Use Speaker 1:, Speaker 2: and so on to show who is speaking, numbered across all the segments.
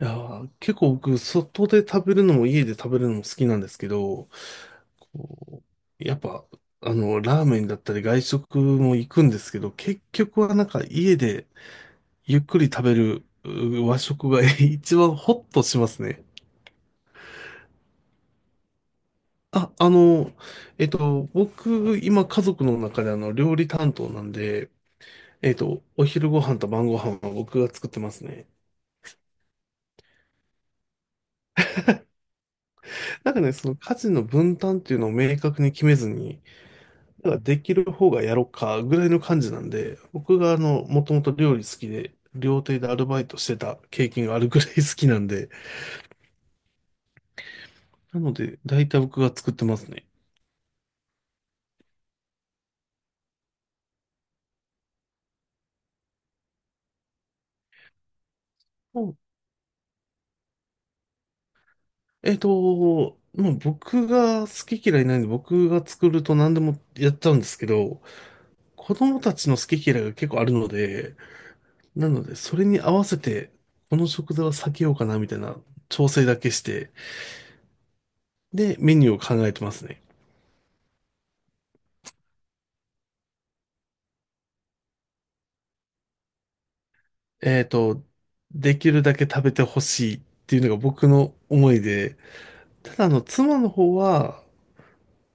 Speaker 1: いやー、結構僕、外で食べるのも家で食べるのも好きなんですけど、こう、やっぱ、ラーメンだったり外食も行くんですけど、結局はなんか家でゆっくり食べるう和食が 一番ホッとしますね。あ、僕、今家族の中で料理担当なんで、お昼ご飯と晩ご飯は僕が作ってますね。なんかね、その家事の分担っていうのを明確に決めずに、なんかできる方がやろうかぐらいの感じなんで、僕がもともと料理好きで、料亭でアルバイトしてた経験があるぐらい好きなんで、なので、大体僕が作ってますね。うん。まあ、僕が好き嫌いないんで、僕が作ると何でもやっちゃうんですけど、子供たちの好き嫌いが結構あるので、なので、それに合わせて、この食材は避けようかなみたいな調整だけして、で、メニューを考えてますね。えっと、できるだけ食べてほしいっていうのが僕の思いで、ただ妻の方は、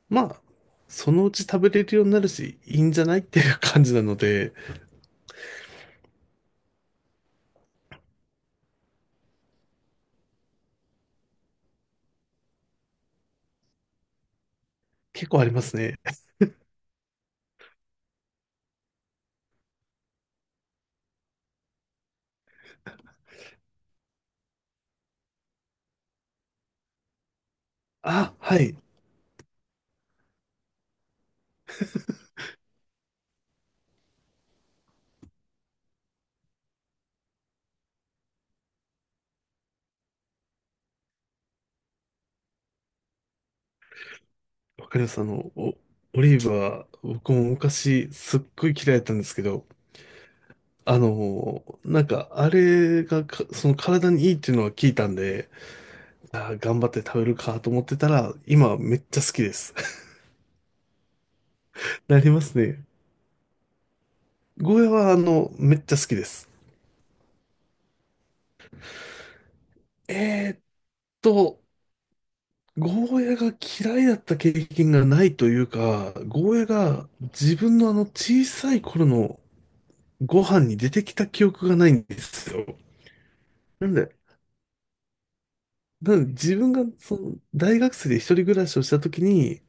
Speaker 1: まあ、そのうち食べれるようになるし、いいんじゃないっていう感じなので、結構ありますね。あ、はい。わかります。オリーブは、僕も昔、すっごい嫌いだったんですけど、なんか、あれがか、その体にいいっていうのは聞いたんで、頑張って食べるかと思ってたら、今めっちゃ好きです。なりますね。ゴーヤは、めっちゃ好きです。えーっと、ゴーヤが嫌いだった経験がないというか、ゴーヤが自分のあの小さい頃のご飯に出てきた記憶がないんですよ。なんで、なんで自分がその大学生で一人暮らしをした時に、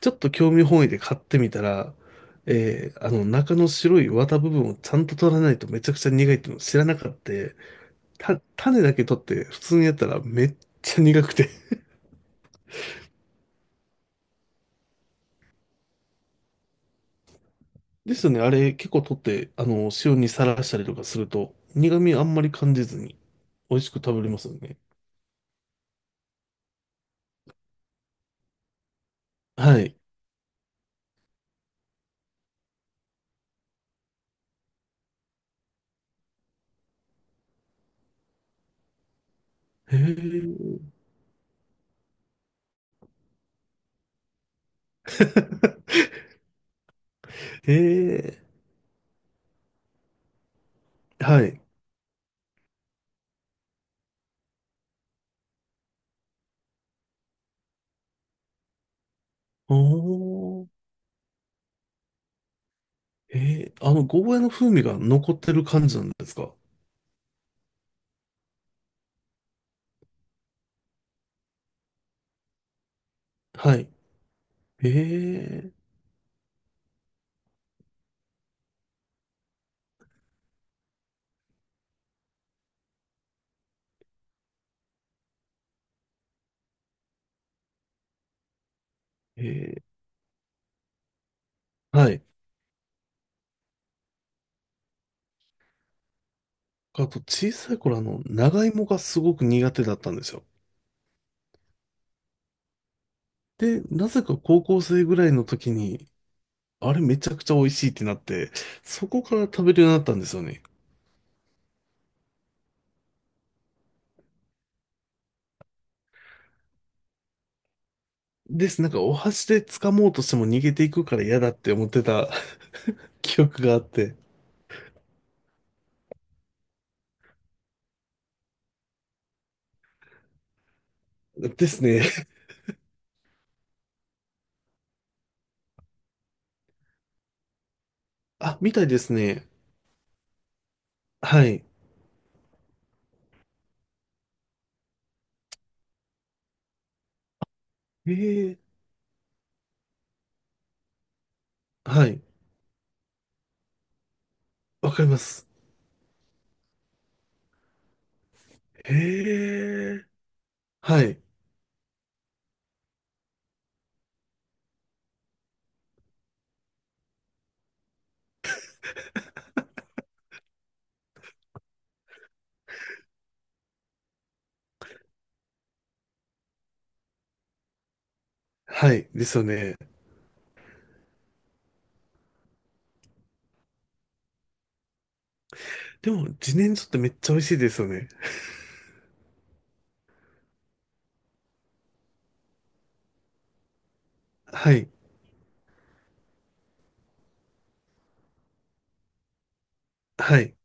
Speaker 1: ちょっと興味本位で買ってみたら、あの中の白い綿部分をちゃんと取らないとめちゃくちゃ苦いっていうのを知らなかった。種だけ取って普通にやったらめっちゃ苦くて。ですよね。あれ結構取って、塩にさらしたりとかすると、苦味あんまり感じずに、美味しく食べれますよね。はい。へえ。へえ。はい。おー。へえ、ゴーヤの風味が残ってる感じなんですか？はい。へえ。へえ。はい。あと、小さい頃、長芋がすごく苦手だったんですよ。で、なぜか高校生ぐらいの時に、あれめちゃくちゃ美味しいってなって、そこから食べるようになったんですよね。です。なんか、お箸で掴もうとしても逃げていくから嫌だって思ってた 記憶があって。ですね。あ、みたいですね。はい。ええ、はい。わかります。へえ。はい。はい。ですよね。でも、自然薯ってめっちゃ美味しいですよね。はい。はい。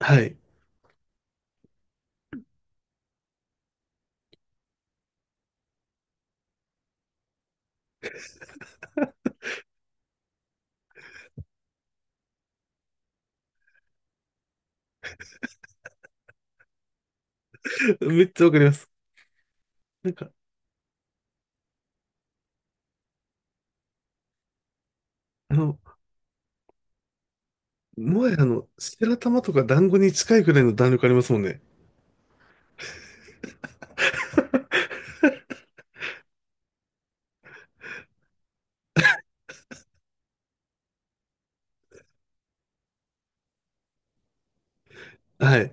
Speaker 1: はい。めっちゃわかります。なんか、あの、もはや白玉とか団子に近いくらいの弾力ありますもんね。はい。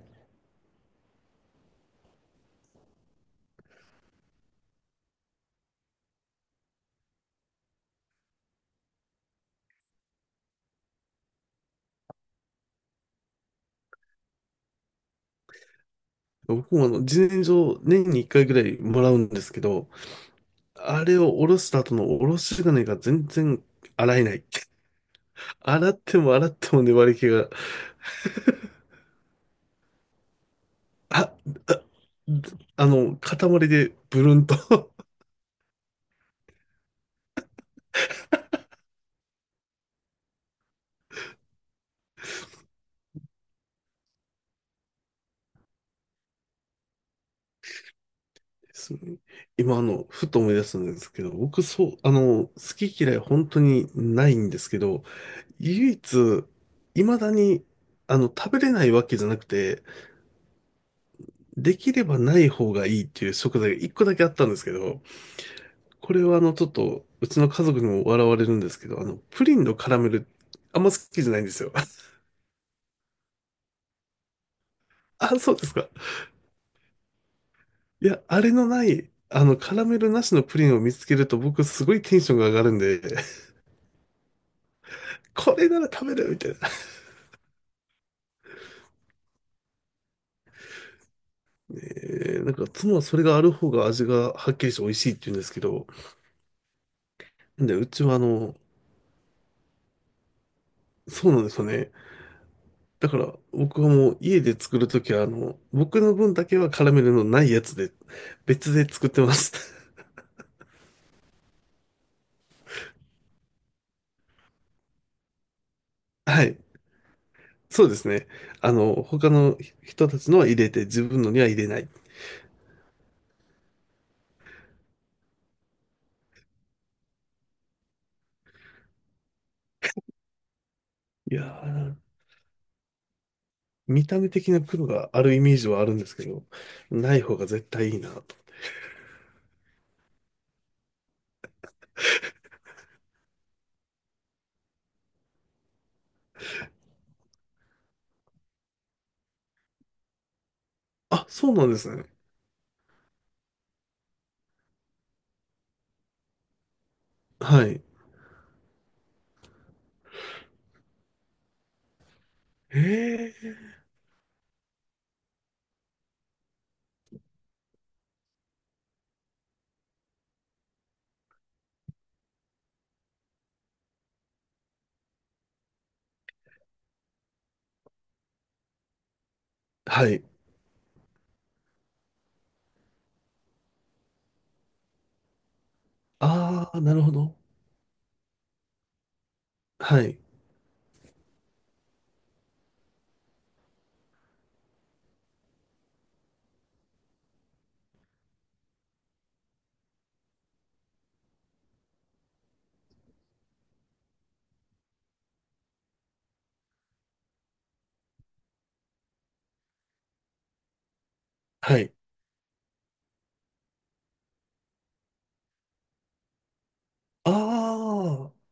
Speaker 1: 僕も自然薯年に1回ぐらいもらうんですけど、あれをおろした後のおろし金が全然洗えない。洗っても洗っても粘り気が、あ、あ、塊でブルンと ですね。今、ふと思い出したんですけど、僕、そう、好き嫌い本当にないんですけど、唯一、未だに、食べれないわけじゃなくて、できればない方がいいっていう食材が一個だけあったんですけど、これはちょっと、うちの家族にも笑われるんですけど、プリンのカラメル、あんま好きじゃないんですよ。あ、そうですか。いや、あれのない、あの、カラメルなしのプリンを見つけると僕すごいテンションが上がるんで、これなら食べるみたいな。ねえなんか妻はそれがある方が味がはっきりして美味しいって言うんですけど、で、うちはあの、そうなんですよね。だから僕はもう家で作るときは僕の分だけはカラメルのないやつで、別で作ってます。はい。そうですね。他の人たちのは入れて、自分のには入れない。いやー、見た目的な黒があるイメージはあるんですけど、ない方が絶対いいなと。あ、そうなんですね。はい。へえ。はい。あー、なるほど。はい。はい。あー。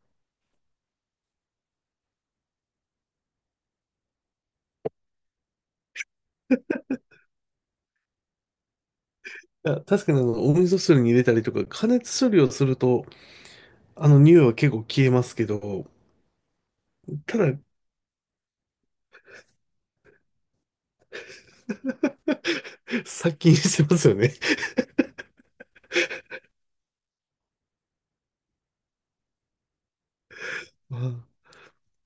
Speaker 1: いや、確かにお味噌汁に入れたりとか、加熱処理をすると、匂いは結構消えますけど、ただ、殺菌してますよね。あー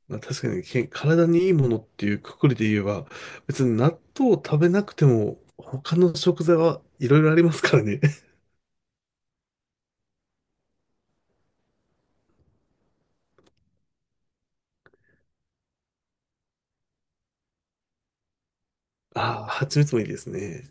Speaker 1: まあ、確かに体にいいものっていうくくりで言えば、別に納豆を食べなくても他の食材はいろいろありますからね。ああ、蜂蜜もいいですね。